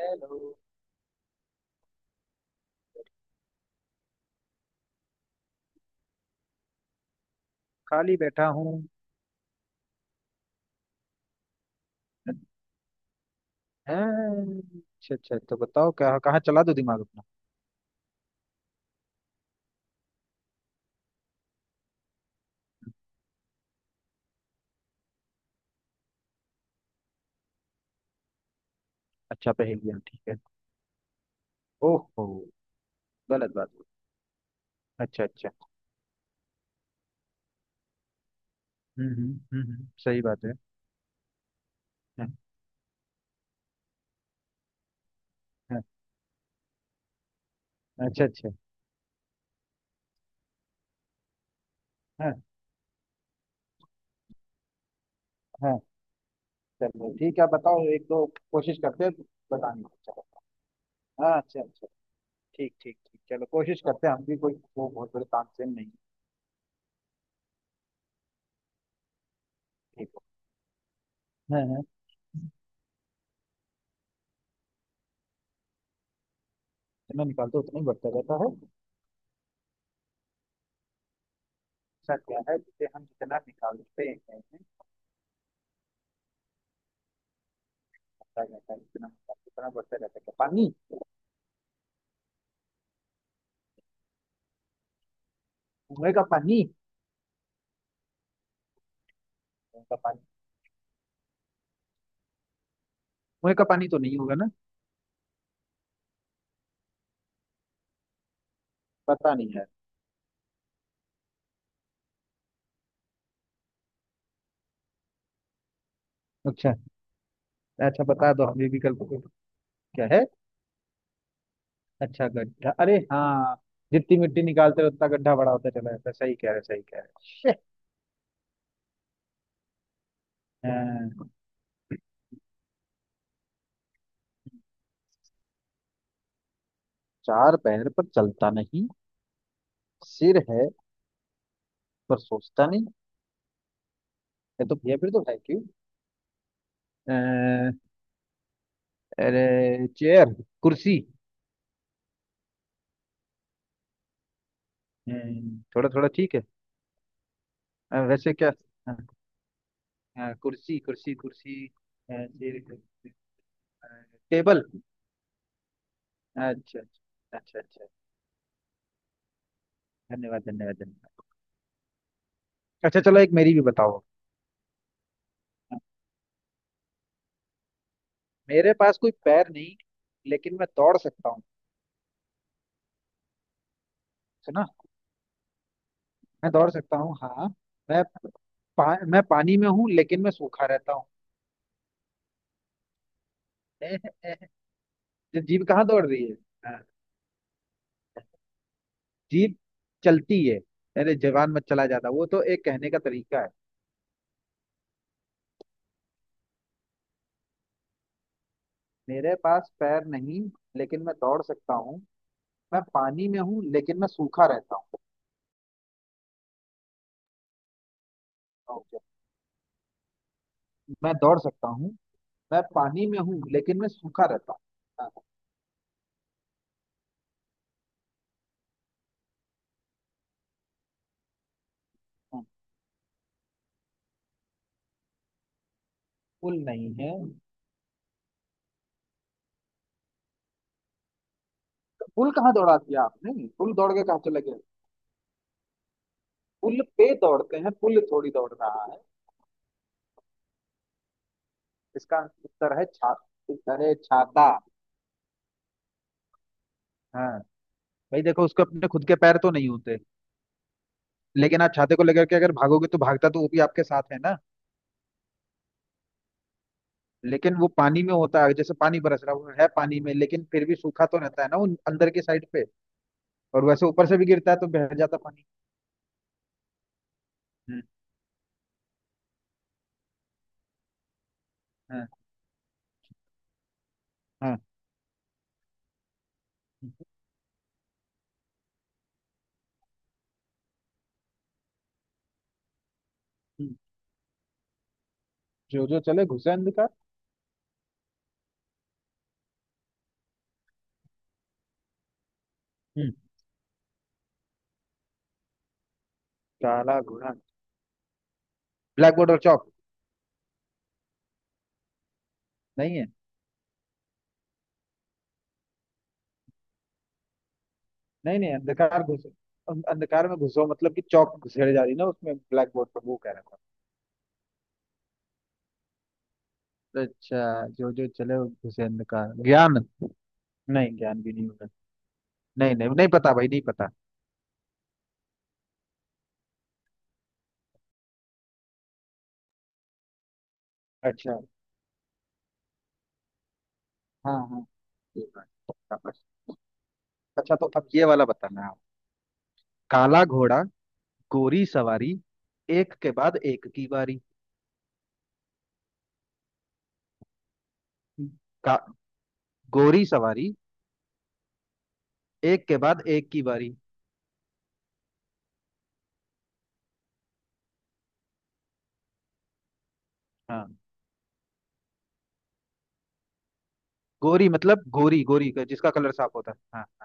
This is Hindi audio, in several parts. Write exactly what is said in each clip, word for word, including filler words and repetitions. हेलो। खाली बैठा हूँ। हैं? अच्छा अच्छा, तो बताओ क्या, कहाँ चला दो दिमाग अपना। अच्छा पहेलियाँ ठीक है। ओहो, गलत बात हुई। अच्छा अच्छा। हम्म हम्म हम्म हम्म, सही बात है। हाँ, हाँ, अच्छा अच्छा। हाँ हाँ चलो ठीक है बताओ एक दो कोशिश करते हैं, बताने की चलो। हाँ अच्छा अच्छा। ठीक ठीक ठीक, चलो कोशिश करते हैं, हम भी कोई वो बहुत बड़े तानसेन नहीं है। ठीक है। हाँ हाँ, जितना निकालते हैं, उतना ही बढ़ता जाता है। ऐसा क्या है जिसे हम जितना निकालते हैं? क्या कहता है, इतना इतना बढ़ते रहता है? क्या पानी? कुएं का पानी? कुएं का पानी? कुएं का पानी तो नहीं होगा ना? पता नहीं है। अच्छा अच्छा, बता दो हमें विकल्प को। क्या है? अच्छा गड्ढा, अरे हाँ, जितनी मिट्टी निकालते रहो उतना गड्ढा बड़ा होता चला जाता है। सही कह रहे, सही कह रहे। Shit! हाँ, चार पैर पर चलता नहीं, सिर है पर सोचता नहीं, ये तो ये फिर तो है क्यों? अ, अरे चेयर, कुर्सी। हम्म, थोड़ा थोड़ा ठीक है। अ, वैसे क्या? हाँ। हाँ कुर्सी कुर्सी कुर्सी। अ, चेयर कुर्सी, अ, टेबल। अच्छा अच्छा अच्छा अच्छा, धन्यवाद धन्यवाद धन्यवाद। अच्छा चलो एक मेरी भी बताओ। हाँ, मेरे पास कोई पैर नहीं लेकिन मैं दौड़ सकता हूँ, है ना? मैं दौड़ सकता हूँ हाँ। मैं पा, मैं पानी में हूँ लेकिन मैं सूखा रहता हूँ। जो जीभ कहाँ दौड़ रही है? हाँ, जीभ चलती है। अरे जवान मत चला, जाता वो तो एक कहने का तरीका है। मेरे पास पैर नहीं लेकिन मैं दौड़ सकता हूँ। मैं पानी में हूँ लेकिन मैं सूखा रहता हूँ। ओके, मैं दौड़ सकता हूँ, मैं पानी में हूँ लेकिन मैं सूखा रहता हूँ। हाँ, पुल नहीं है। पुल कहाँ दौड़ा दिया आपने? पुल दौड़ के कहाँ चले गए? पुल पे दौड़ते हैं, पुल थोड़ी दौड़ रहा है। इसका उत्तर है छा उत्तर है छाता। हाँ भाई देखो, उसके अपने खुद के पैर तो नहीं होते, लेकिन आप छाते को लेकर के अगर भागोगे तो भागता तो वो भी आपके साथ है ना। लेकिन वो पानी में होता है, जैसे पानी बरस रहा है, वो है पानी में लेकिन फिर भी सूखा तो रहता है ना, वो अंदर की साइड पे। और वैसे ऊपर से भी गिरता है तो बह जाता पानी। हम्म। हाँ हाँ। हम्म। जो जो चले घुसे अंधकार। हम्म, काला घोड़ा ब्लैक बोर्ड और चौक नहीं है? नहीं नहीं, अंधकार घुसे, अं- अंधकार में घुसो मतलब कि चौक घुसेड़ जा रही ना उसमें, ब्लैक बोर्ड पर, वो कह रहा था। अच्छा जो जो चले वो घुसे अंधकार, ज्ञान? नहीं ज्ञान भी नहीं होगा। नहीं नहीं नहीं पता भाई, नहीं पता। अच्छा, हाँ हाँ, ये बात तो पक्का बस। अच्छा तो अब ये वाला बताना आप। काला घोड़ा गोरी सवारी, एक के बाद एक की बारी। का, गोरी सवारी, एक के बाद एक की बारी। हाँ, गोरी मतलब गोरी, गोरी का जिसका कलर साफ होता है। हाँ,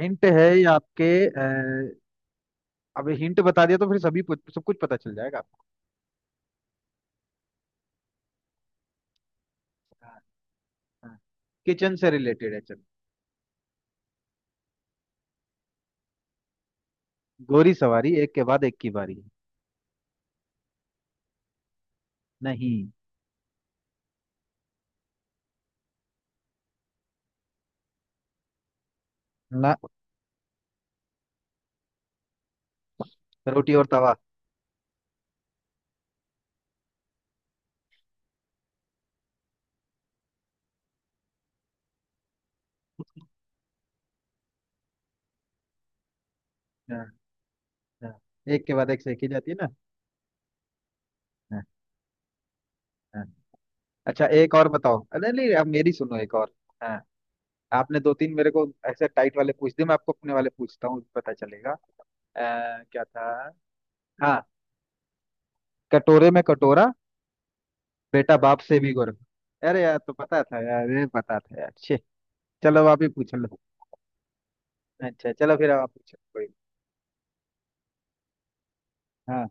हिंट है ये आपके। अ, अब हिंट बता दिया तो फिर सभी कुछ- सब कुछ पता चल जाएगा आपको। हाँ, हाँ। किचन से रिलेटेड है चलो। गोरी सवारी एक के बाद एक की बारी। नहीं, ना। रोटी और तवा। हाँ, हाँ, एक के बाद एक सेकी जाती है ना। हाँ, हाँ। अच्छा एक और बताओ, अरे नहीं अब मेरी सुनो एक और। हाँ, आपने दो तीन मेरे को ऐसे टाइट वाले पूछ दिए, मैं आपको अपने वाले पूछता हूँ, पता चलेगा। आ, क्या था, हाँ, कटोरे में कटोरा, बेटा बाप से भी गोरा। अरे यार तो पता था यार, अरे पता था यार छे। चलो आप ही पूछ लो, अच्छा चलो फिर अब आप पूछो कोई। हाँ,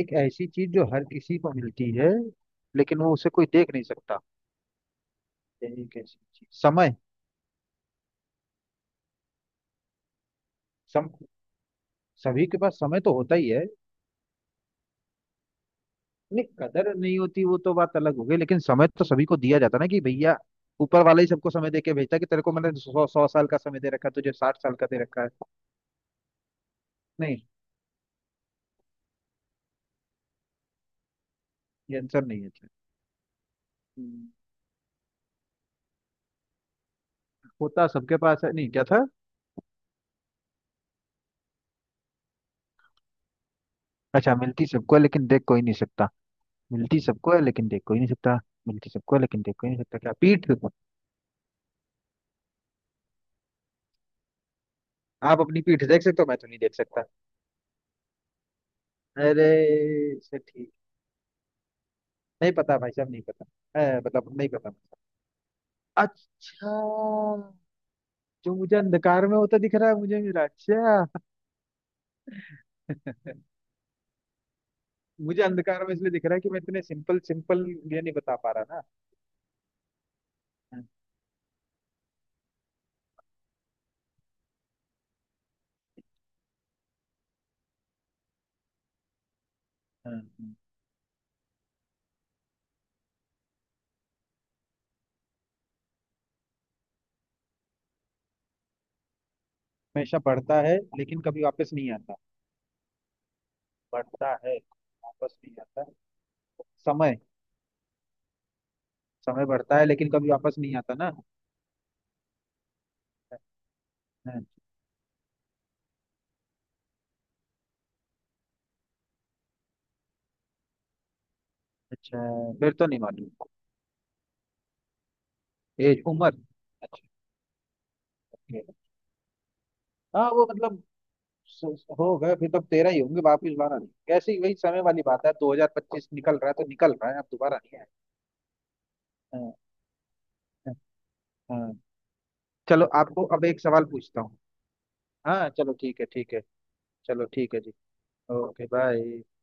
एक ऐसी चीज जो हर किसी को मिलती है लेकिन वो उसे कोई देख नहीं सकता। यही कैसी चीज, समय? सम सभी के पास समय तो होता ही है। नहीं कदर नहीं होती वो तो बात अलग हो गई, लेकिन समय तो सभी को दिया जाता ना, कि भैया ऊपर वाला ही सबको समय दे के भेजता, कि तेरे को मैंने सौ सौ साल का समय दे रखा है, तुझे साठ साल का दे रखा है। नहीं, ये आंसर नहीं है इसमें। हम्म, होता सबके पास है, नहीं क्या था? अच्छा, मिलती सबको है लेकिन देख कोई नहीं सकता। मिलती सबको है लेकिन देख कोई नहीं सकता। मिलती सबको है लेकिन देख कोई नहीं सकता, क्या पीठ? आप अपनी पीठ देख सकते हो, मैं तो नहीं देख सकता। अरे, से ठीक, नहीं पता भाई साहब, नहीं पता। ए, मतलब नहीं पता, अच्छा जो मुझे अंधकार में होता दिख रहा है, मुझे मेरा अच्छा। मुझे अंधकार में इसलिए दिख रहा है कि मैं इतने सिंपल सिंपल ये नहीं बता पा रहा ना। हाँ, हाँ, हाँ। हमेशा बढ़ता है लेकिन कभी वापस नहीं आता। बढ़ता है, वापस नहीं आता, समय। समय बढ़ता है लेकिन कभी वापस नहीं आता ना। हाँ, अच्छा फिर तो नहीं मालूम। एज, उम्र, अच्छा। okay। हाँ वो मतलब, स- स- हो गए फिर तो अब तेरह ही होंगे, वापिस बारह नहीं, कैसी वही समय वाली बात है, दो हज़ार पच्चीस निकल रहा है तो निकल रहा है, अब दोबारा नहीं है। हाँ, हाँ, हाँ। चलो आपको अब एक सवाल पूछता हूँ। हाँ चलो ठीक है, ठीक है, चलो ठीक है जी, ओके बाय।